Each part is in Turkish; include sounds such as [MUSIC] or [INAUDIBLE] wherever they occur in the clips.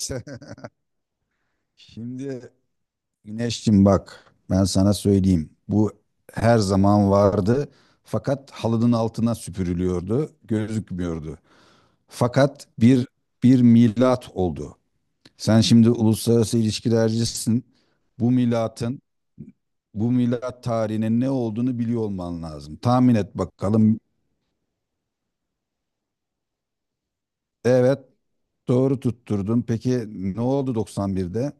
[LAUGHS] Şimdi Güneşciğim, bak ben sana söyleyeyim. Bu her zaman vardı fakat halının altına süpürülüyordu, gözükmüyordu. Fakat bir milat oldu. Sen şimdi uluslararası ilişkilercisin. Bu milatın, bu milat tarihinin ne olduğunu biliyor olman lazım. Tahmin et bakalım. Evet, doğru tutturdun. Peki ne oldu 91'de?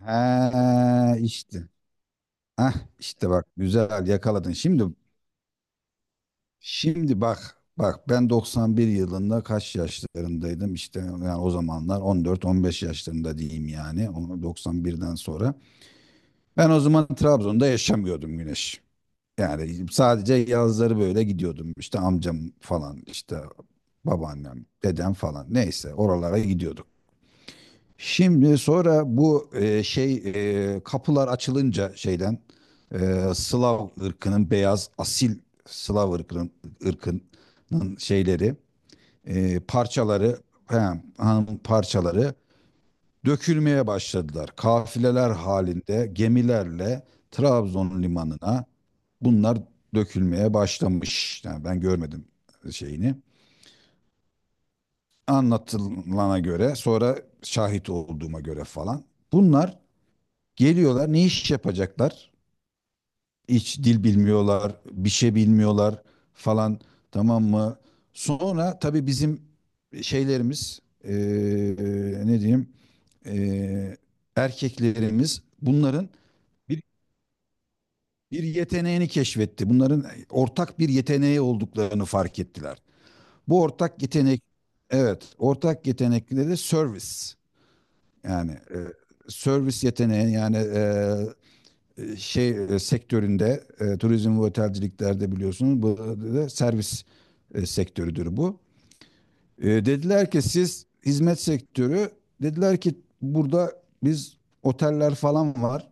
He işte. Ah işte bak, güzel yakaladın. Şimdi bak ben 91 yılında kaç yaşlarındaydım, işte yani o zamanlar 14-15 yaşlarında diyeyim, yani onu 91'den sonra. Ben o zaman Trabzon'da yaşamıyordum Güneş. Yani sadece yazları böyle gidiyordum işte, amcam falan işte babaannem dedem falan, neyse oralara gidiyorduk. Şimdi sonra bu şey kapılar açılınca, şeyden Slav ırkının beyaz asil Slav ırkının, ırkının şeyleri, parçaları, he, hanım parçaları dökülmeye başladılar. Kafileler halinde gemilerle Trabzon limanına bunlar dökülmeye başlamış. Yani ben görmedim şeyini. Anlatılana göre, sonra şahit olduğuma göre falan. Bunlar geliyorlar, ne iş yapacaklar? Hiç dil bilmiyorlar, bir şey bilmiyorlar falan, tamam mı? Sonra tabii bizim şeylerimiz ne diyeyim, eee, erkeklerimiz bunların bir, bir yeteneğini keşfetti. Bunların ortak bir yeteneği olduklarını fark ettiler. Bu ortak yetenek, evet, ortak yetenekleri de servis, yani servis yeteneği, yani şey sektöründe, turizm ve otelciliklerde biliyorsunuz, bu da servis sektörüdür bu. E, dediler ki siz hizmet sektörü, dediler ki burada biz, oteller falan var.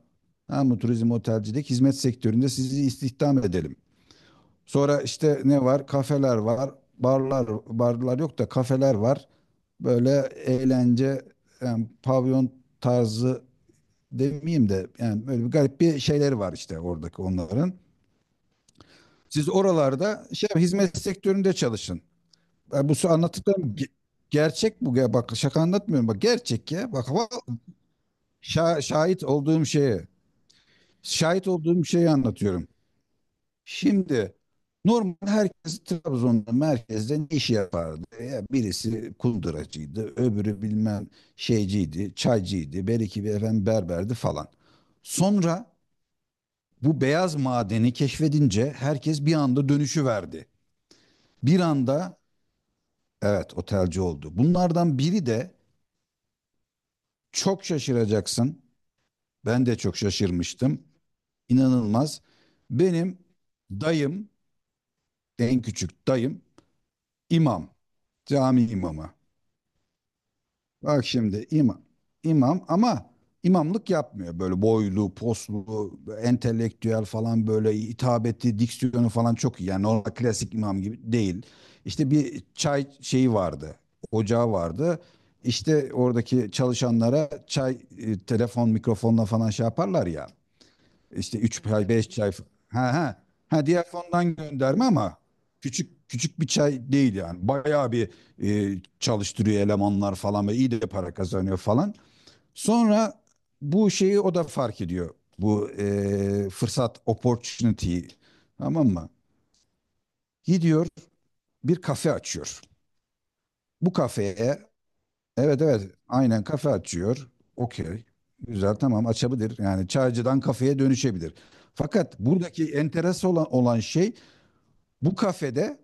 Tamam mı? Turizm, otelcilik, hizmet sektöründe sizi istihdam edelim. Sonra işte ne var? Kafeler var, barlar, barlar yok da kafeler var. Böyle eğlence, yani pavyon tarzı demeyeyim de yani böyle bir garip bir şeyleri var işte oradaki onların. Siz oralarda şey, hizmet sektöründe çalışın. Anlattıklarım gerçek bu. Ya bak, şaka anlatmıyorum. Bak gerçek ya. Bak şahit olduğum şeye. Şahit olduğum şeyi anlatıyorum. Şimdi normal herkes Trabzon'da merkezde ne iş yapardı? Ya birisi kunduracıydı, öbürü bilmem şeyciydi, çaycıydı, beriki bir efendim berberdi falan. Sonra bu beyaz madeni keşfedince, herkes bir anda dönüşü verdi. Bir anda, evet, otelci oldu. Bunlardan biri de, çok şaşıracaksın. Ben de çok şaşırmıştım. İnanılmaz. Benim dayım, en küçük dayım, imam, cami imamı. Bak şimdi imam. İmam ama imamlık yapmıyor. Böyle boylu poslu, entelektüel falan, böyle hitabeti, diksiyonu falan çok iyi. Yani normal klasik imam gibi değil. İşte bir çay şeyi vardı. Ocağı vardı. İşte oradaki çalışanlara çay, telefon, mikrofonla falan şey yaparlar ya. İşte 3 çay, 5 çay. Ha ha. Ha, diğer fondan gönderme ama küçük küçük bir çay değil yani. Bayağı bir çalıştırıyor, elemanlar falan, ve iyi de para kazanıyor falan. Sonra bu şeyi o da fark ediyor. Bu fırsat opportunity'yi, tamam mı? Gidiyor, bir kafe açıyor. Bu kafeye, evet evet aynen, kafe açıyor. Okey. Güzel, tamam, açabilir. Yani çaycıdan kafeye dönüşebilir. Fakat buradaki enteres olan şey, bu kafede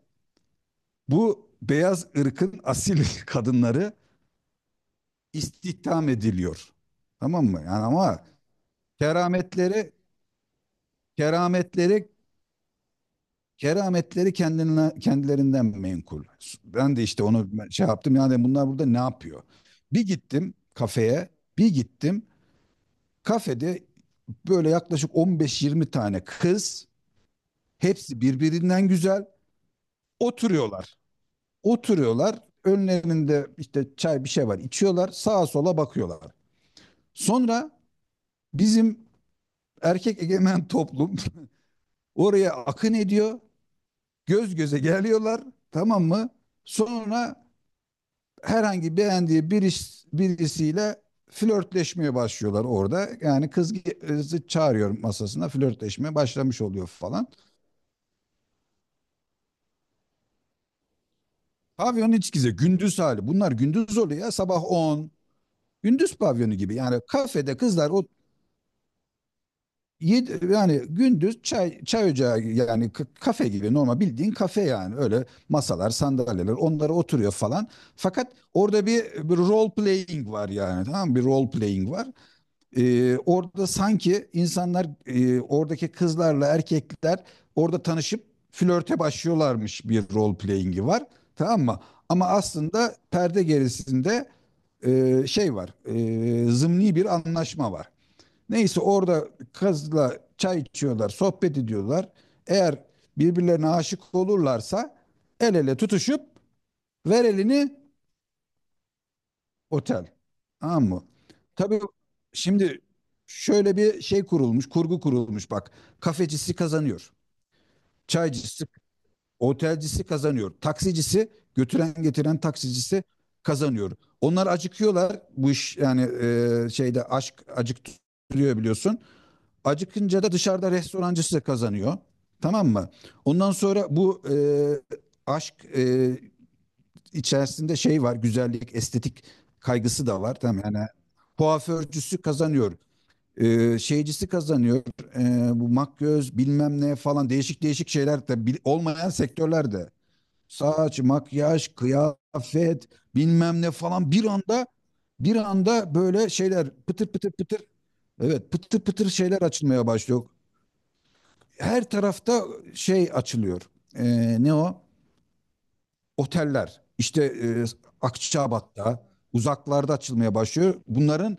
bu beyaz ırkın asil [LAUGHS] kadınları istihdam ediliyor. Tamam mı? Yani ama kerametleri kerametleri kerametleri kendilerinden menkul. Ben de işte onu şey yaptım. Yani bunlar burada ne yapıyor? Bir gittim kafeye, bir gittim. Kafede böyle yaklaşık 15-20 tane kız, hepsi birbirinden güzel, oturuyorlar. Oturuyorlar. Önlerinde işte çay, bir şey var, içiyorlar. Sağa sola bakıyorlar. Sonra bizim erkek egemen toplum [LAUGHS] oraya akın ediyor. Göz göze geliyorlar. Tamam mı? Sonra herhangi beğendiği bir birisiyle flörtleşmeye başlıyorlar orada. Yani kız kızı çağırıyor masasına, flörtleşme başlamış oluyor falan. Pavyonun içkisi gündüz hali. Bunlar gündüz oluyor ya, sabah on. Gündüz pavyonu gibi. Yani kafede kızlar yedi, yani gündüz çay ocağı, yani kafe gibi, normal bildiğin kafe, yani öyle masalar, sandalyeler, onlara oturuyor falan, fakat orada bir role playing var yani, tamam mı? Bir role playing var. Orada sanki insanlar, oradaki kızlarla erkekler orada tanışıp flörte başlıyorlarmış, bir role playing'i var, tamam mı, ama aslında perde gerisinde şey var, zımni bir anlaşma var. Neyse, orada kızla çay içiyorlar, sohbet ediyorlar. Eğer birbirlerine aşık olurlarsa, el ele tutuşup, ver elini otel. Tamam mı? Tabii şimdi şöyle bir şey kurulmuş, kurgu kurulmuş bak. Kafecisi kazanıyor. Çaycısı, otelcisi kazanıyor. Taksicisi, götüren getiren taksicisi kazanıyor. Onlar acıkıyorlar. Bu iş yani, şeyde, aşk acıktırıyor biliyorsun. Acıkınca da dışarıda restorancı size kazanıyor. Tamam mı? Ondan sonra bu aşk içerisinde şey var. Güzellik, estetik kaygısı da var. Tamam yani, kuaförcüsü kazanıyor. Şeycisi kazanıyor. Bu makyöz bilmem ne falan, değişik değişik şeyler de, olmayan sektörlerde. Saç, makyaj, kıyafet bilmem ne falan, bir anda böyle şeyler pıtır pıtır pıtır. Evet, pıtır pıtır şeyler açılmaya başlıyor her tarafta, şey açılıyor. Ne o? Oteller. İşte Akçabat'ta, uzaklarda açılmaya başlıyor. Bunların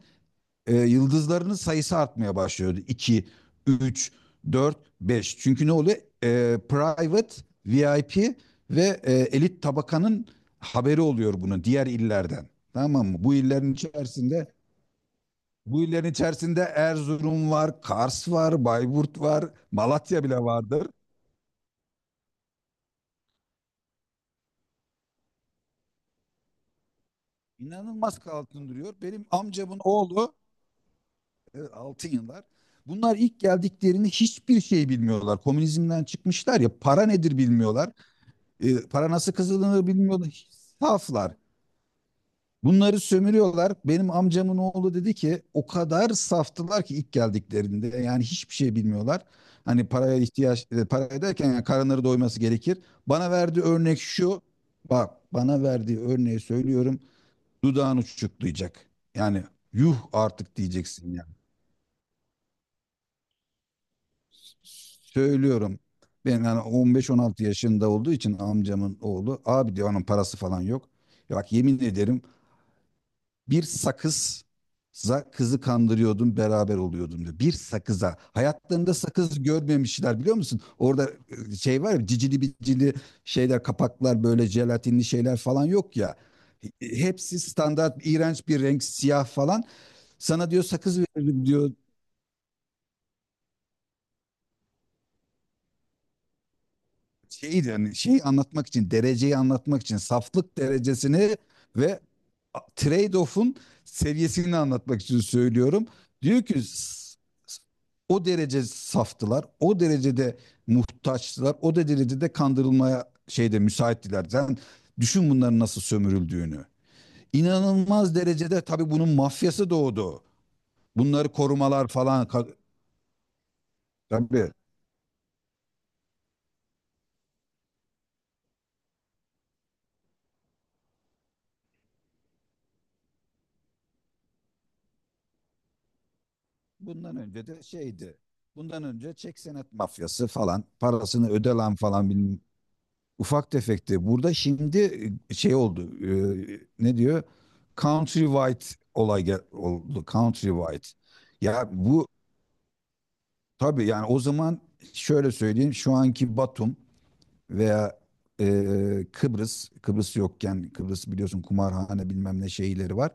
yıldızlarının sayısı artmaya başlıyor. 2, 3, 4, 5. Çünkü ne oluyor? Private, VIP ve elit tabakanın haberi oluyor bunu, diğer illerden. Tamam mı? Bu illerin içerisinde Erzurum var, Kars var, Bayburt var, Malatya bile vardır. İnanılmaz altın duruyor. Benim amcamın oğlu, altın yıllar. Bunlar ilk geldiklerini hiçbir şey bilmiyorlar. Komünizmden çıkmışlar ya, para nedir bilmiyorlar. Para nasıl kazanılır bilmiyorlar. Saflar. Bunları sömürüyorlar. Benim amcamın oğlu dedi ki, o kadar saftılar ki ilk geldiklerinde yani, hiçbir şey bilmiyorlar. Hani paraya ihtiyaç, para derken yani karınları doyması gerekir. Bana verdiği örnek şu. Bak bana verdiği örneği söylüyorum, dudağını uçuklayacak. Yani, yuh artık diyeceksin yani. Söylüyorum. Ben yani 15-16 yaşında olduğu için amcamın oğlu abi, diyor onun parası falan yok. Ya bak, yemin ederim, bir sakızza kızı kandırıyordum, beraber oluyordum diyor. Bir sakıza. Hayatlarında sakız görmemişler, biliyor musun? Orada şey var ya, cicili bicili şeyler, kapaklar, böyle jelatinli şeyler falan yok ya. Hepsi standart iğrenç bir renk, siyah falan. Sana diyor, sakız veririm diyor. Şeyi anlatmak için, dereceyi anlatmak için, saflık derecesini ve trade-off'un seviyesini anlatmak için söylüyorum. Diyor ki, s- o derece saftılar, o derecede muhtaçtılar, o derecede kandırılmaya şeyde müsaittiler. Sen düşün bunların nasıl sömürüldüğünü. İnanılmaz derecede tabii bunun mafyası doğdu. Bunları korumalar falan tabii. Bundan önce de şeydi. Bundan önce çek senet mafyası falan, parasını öde lan falan bilmem. Ufak tefekti. Burada şimdi şey oldu. Ne diyor? Countrywide olay oldu. Countrywide. Ya bu tabii, yani o zaman şöyle söyleyeyim. Şu anki Batum veya e, Kıbrıs, yokken, Kıbrıs biliyorsun, kumarhane bilmem ne şeyleri var.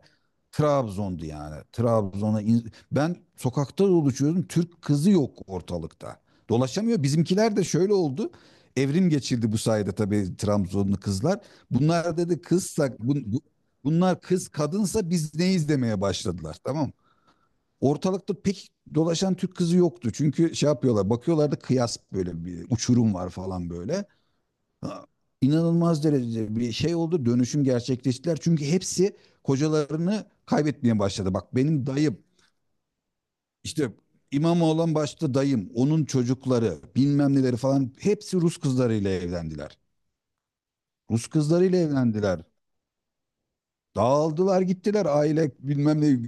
Trabzon'du yani. Trabzon'a ben sokakta dolaşıyordum. Türk kızı yok ortalıkta. Dolaşamıyor. Bizimkiler de şöyle oldu. Evrim geçirdi bu sayede tabii, Trabzonlu kızlar. Bunlar dedi, kızsak bunlar, kız kadınsa biz neyiz, demeye başladılar. Tamam mı? Ortalıkta pek dolaşan Türk kızı yoktu. Çünkü şey yapıyorlar, bakıyorlar da kıyas, böyle bir uçurum var falan böyle. Ha, inanılmaz derecede bir şey oldu. Dönüşüm gerçekleştiler. Çünkü hepsi kocalarını kaybetmeye başladı. Bak benim dayım, işte İmamoğlu olan başta dayım, onun çocukları, bilmem neleri falan, hepsi Rus kızlarıyla evlendiler. Rus kızlarıyla evlendiler. Dağıldılar, gittiler, aile bilmem ne,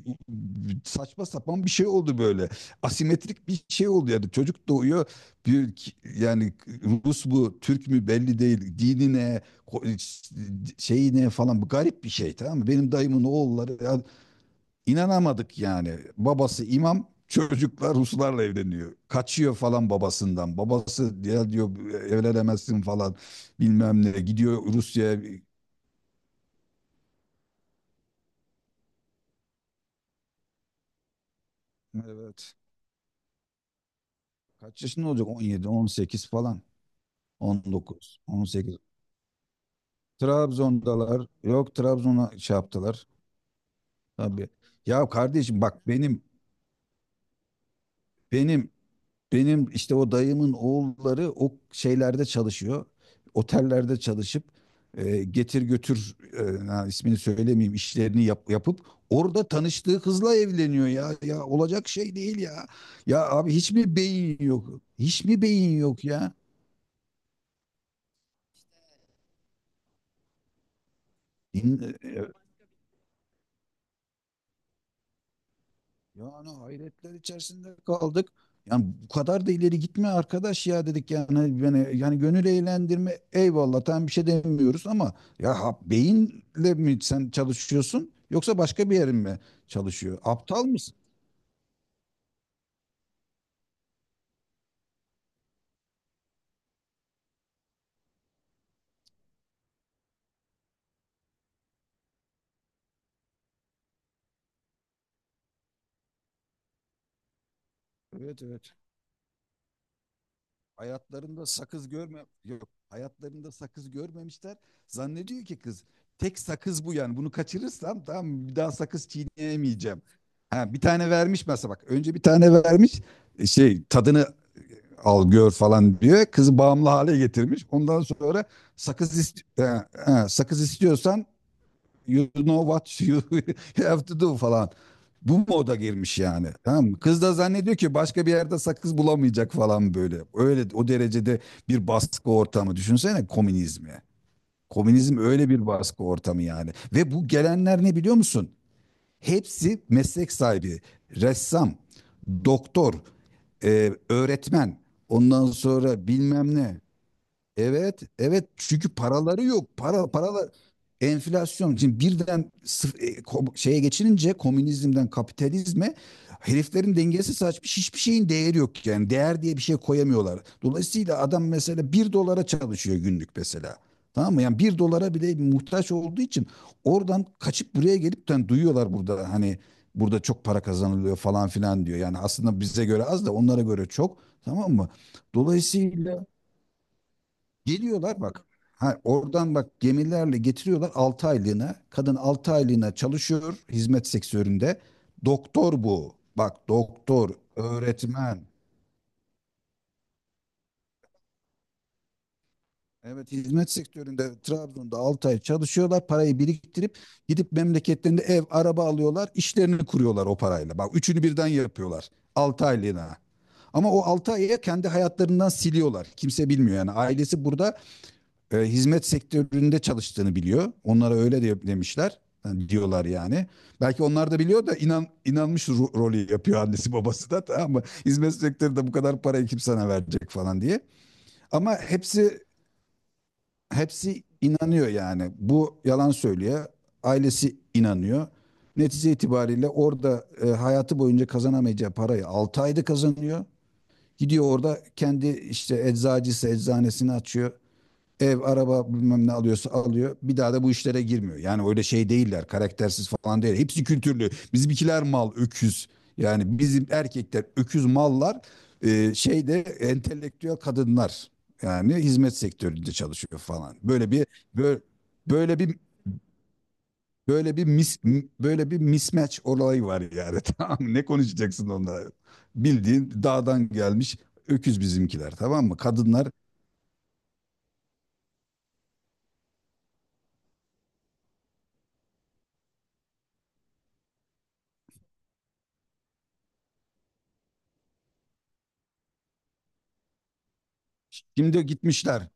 saçma sapan bir şey oldu böyle. Asimetrik bir şey oldu yani, çocuk doğuyor bir, yani Rus mu Türk mü belli değil, dini ne, şeyi ne falan, bu garip bir şey, tamam mı? Benim dayımın oğulları ya, inanamadık yani, babası imam, çocuklar Ruslarla evleniyor. Kaçıyor falan babasından, babası ya diyor evlenemezsin falan bilmem ne, gidiyor Rusya'ya. Evet. Kaç yaşında olacak? 17, 18 falan. 19, 18. Trabzon'dalar. Yok, Trabzon'a şey yaptılar. Tabii. Ya kardeşim, bak benim benim işte o dayımın oğulları o şeylerde çalışıyor. Otellerde çalışıp, getir götür, ha, ismini söylemeyeyim, işlerini yapıp, orada tanıştığı kızla evleniyor ya. Ya olacak şey değil ya. Ya abi, hiç mi beyin yok? Hiç mi beyin yok ya? İn- e, Yani hayretler içerisinde kaldık. Yani bu kadar da ileri gitme arkadaş ya, dedik yani, yani gönül eğlendirme, eyvallah, tam bir şey demiyoruz ama ya, beyinle mi sen çalışıyorsun yoksa başka bir yerin mi çalışıyor? Aptal mısın? Evet, evet. Hayatlarında sakız görme yok. Hayatlarında sakız görmemişler. Zannediyor ki kız, tek sakız bu yani. Bunu kaçırırsam tamam, bir daha sakız çiğneyemeyeceğim. Ha, bir tane vermiş mesela bak. Önce bir tane vermiş, şey, tadını al gör falan diyor. Kızı bağımlı hale getirmiş. Ondan sonra, sakız sakız istiyorsan, you know what you [LAUGHS] have to do falan. Bu moda girmiş yani. Tamam mı? Kız da zannediyor ki başka bir yerde sakız bulamayacak falan böyle. Öyle o derecede bir baskı ortamı. Düşünsene komünizmi. Komünizm öyle bir baskı ortamı yani. Ve bu gelenler ne biliyor musun? Hepsi meslek sahibi, ressam, doktor, öğretmen, ondan sonra bilmem ne. Evet, evet, çünkü paraları yok. Para, paralar, enflasyon. Şimdi birden şeye geçilince, komünizmden kapitalizme, heriflerin dengesi saçmış. Hiçbir şeyin değeri yok yani. Değer diye bir şey koyamıyorlar. Dolayısıyla adam mesela 1 dolara çalışıyor günlük mesela. Tamam mı? Yani 1 dolara bile muhtaç olduğu için, oradan kaçıp buraya gelip, yani duyuyorlar burada, hani burada çok para kazanılıyor falan filan diyor. Yani aslında bize göre az da onlara göre çok. Tamam mı? Dolayısıyla geliyorlar bak. Ha, oradan bak, gemilerle getiriyorlar 6 aylığına. Kadın 6 aylığına çalışıyor hizmet sektöründe. Doktor bu. Bak doktor, öğretmen. Evet, hizmet sektöründe Trabzon'da 6 ay çalışıyorlar. Parayı biriktirip gidip memleketlerinde ev, araba alıyorlar. İşlerini kuruyorlar o parayla. Bak üçünü birden yapıyorlar 6 aylığına. Ama o 6 ayı kendi hayatlarından siliyorlar. Kimse bilmiyor yani. Ailesi burada hizmet sektöründe çalıştığını biliyor. Onlara öyle de demişler. Yani diyorlar yani. Belki onlar da biliyor da, inanmış rolü yapıyor annesi babası da, tamam mı? Hizmet sektöründe bu kadar parayı kim sana verecek falan diye. Ama hepsi inanıyor yani. Bu yalan söylüyor. Ailesi inanıyor. Netice itibariyle orada hayatı boyunca kazanamayacağı parayı 6 ayda kazanıyor. Gidiyor orada kendi işte eczacısı eczanesini açıyor, ev, araba bilmem ne alıyorsa alıyor. Bir daha da bu işlere girmiyor. Yani öyle şey değiller. Karaktersiz falan değil. Hepsi kültürlü. Bizimkiler mal, öküz. Yani bizim erkekler öküz, mallar. Şeyde entelektüel kadınlar. Yani hizmet sektöründe çalışıyor falan. Böyle, böyle bir böyle bir mis, Böyle bir mismatch olayı var yani. [LAUGHS] Tamam mı? Ne konuşacaksın onlara? Bildiğin dağdan gelmiş öküz bizimkiler, tamam mı? Kadınlar şimdi gitmişler.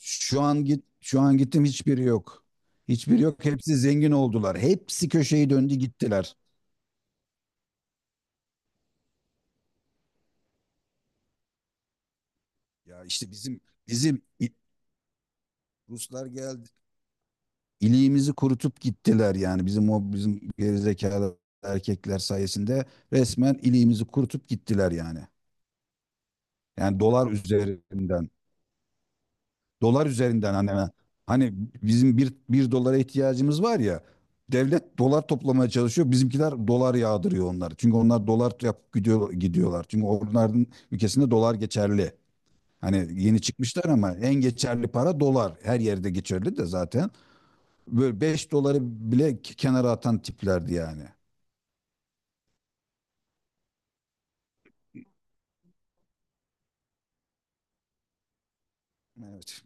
Şu an gittim, hiçbiri yok. Hiçbiri yok. Hepsi zengin oldular. Hepsi köşeyi döndü gittiler. Ya işte bizim Ruslar geldi. İliğimizi kurutup gittiler, yani bizim o bizim gerizekalı erkekler sayesinde resmen iliğimizi kurutup gittiler yani. Yani dolar üzerinden. Dolar üzerinden, hani bizim bir dolara ihtiyacımız var ya, devlet dolar toplamaya çalışıyor. Bizimkiler dolar yağdırıyor onları. Çünkü onlar dolar yapıp gidiyor, gidiyorlar. Çünkü onların ülkesinde dolar geçerli. Hani yeni çıkmışlar ama en geçerli para dolar. Her yerde geçerli de zaten. Böyle 5 doları bile kenara atan tiplerdi yani. Evet.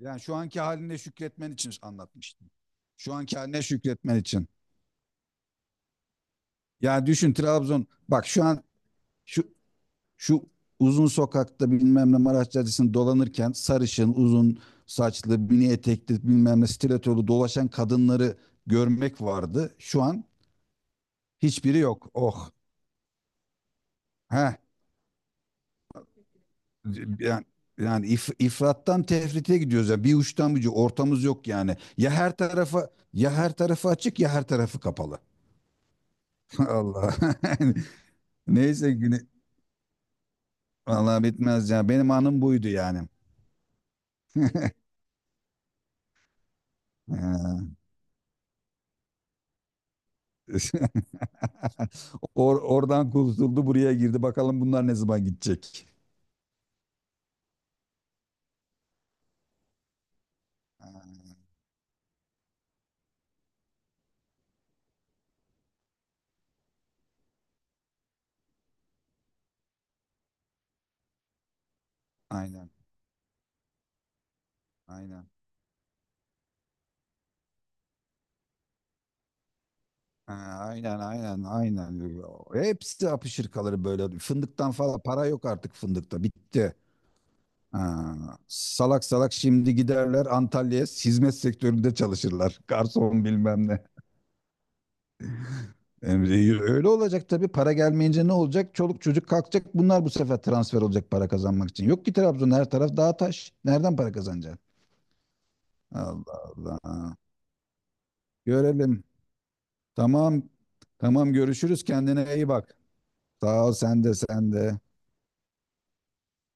Yani şu anki haline şükretmen için anlatmıştım. Şu anki haline şükretmen için. Yani düşün Trabzon. Bak şu an, şu Şu uzun sokakta, bilmem ne Maraş Caddesi'nde dolanırken, sarışın, uzun saçlı, mini etekli bilmem ne stilettolu dolaşan kadınları görmek vardı. Şu an hiçbiri yok. Oh. Heh. Yani, yani ifrattan tefrite gidiyoruz ya. Bir uçtan bir uca. Ortamız yok yani. Ya her tarafa, ya her tarafı açık, ya her tarafı kapalı. [LAUGHS] Allah. [LAUGHS] Neyse vallahi bitmez ya. Benim anım buydu yani. Ee, [LAUGHS] oradan kurtuldu, buraya girdi. Bakalım bunlar ne zaman gidecek. Ha, aynen, aynen. Ha, aynen, aynen, aynen. Hepsi apışır kalır böyle. Fındıktan falan para yok artık, fındıkta. Bitti. Ha, salak salak şimdi giderler Antalya'ya, hizmet sektöründe çalışırlar. Garson bilmem ne. Emre, öyle olacak tabii. Para gelmeyince ne olacak? Çoluk çocuk kalkacak. Bunlar bu sefer transfer olacak, para kazanmak için. Yok ki Trabzon, her taraf dağ taş. Nereden para kazanacak? Allah Allah. Görelim. Tamam. Tamam, görüşürüz. Kendine iyi bak. Sağ ol, sen de sen de.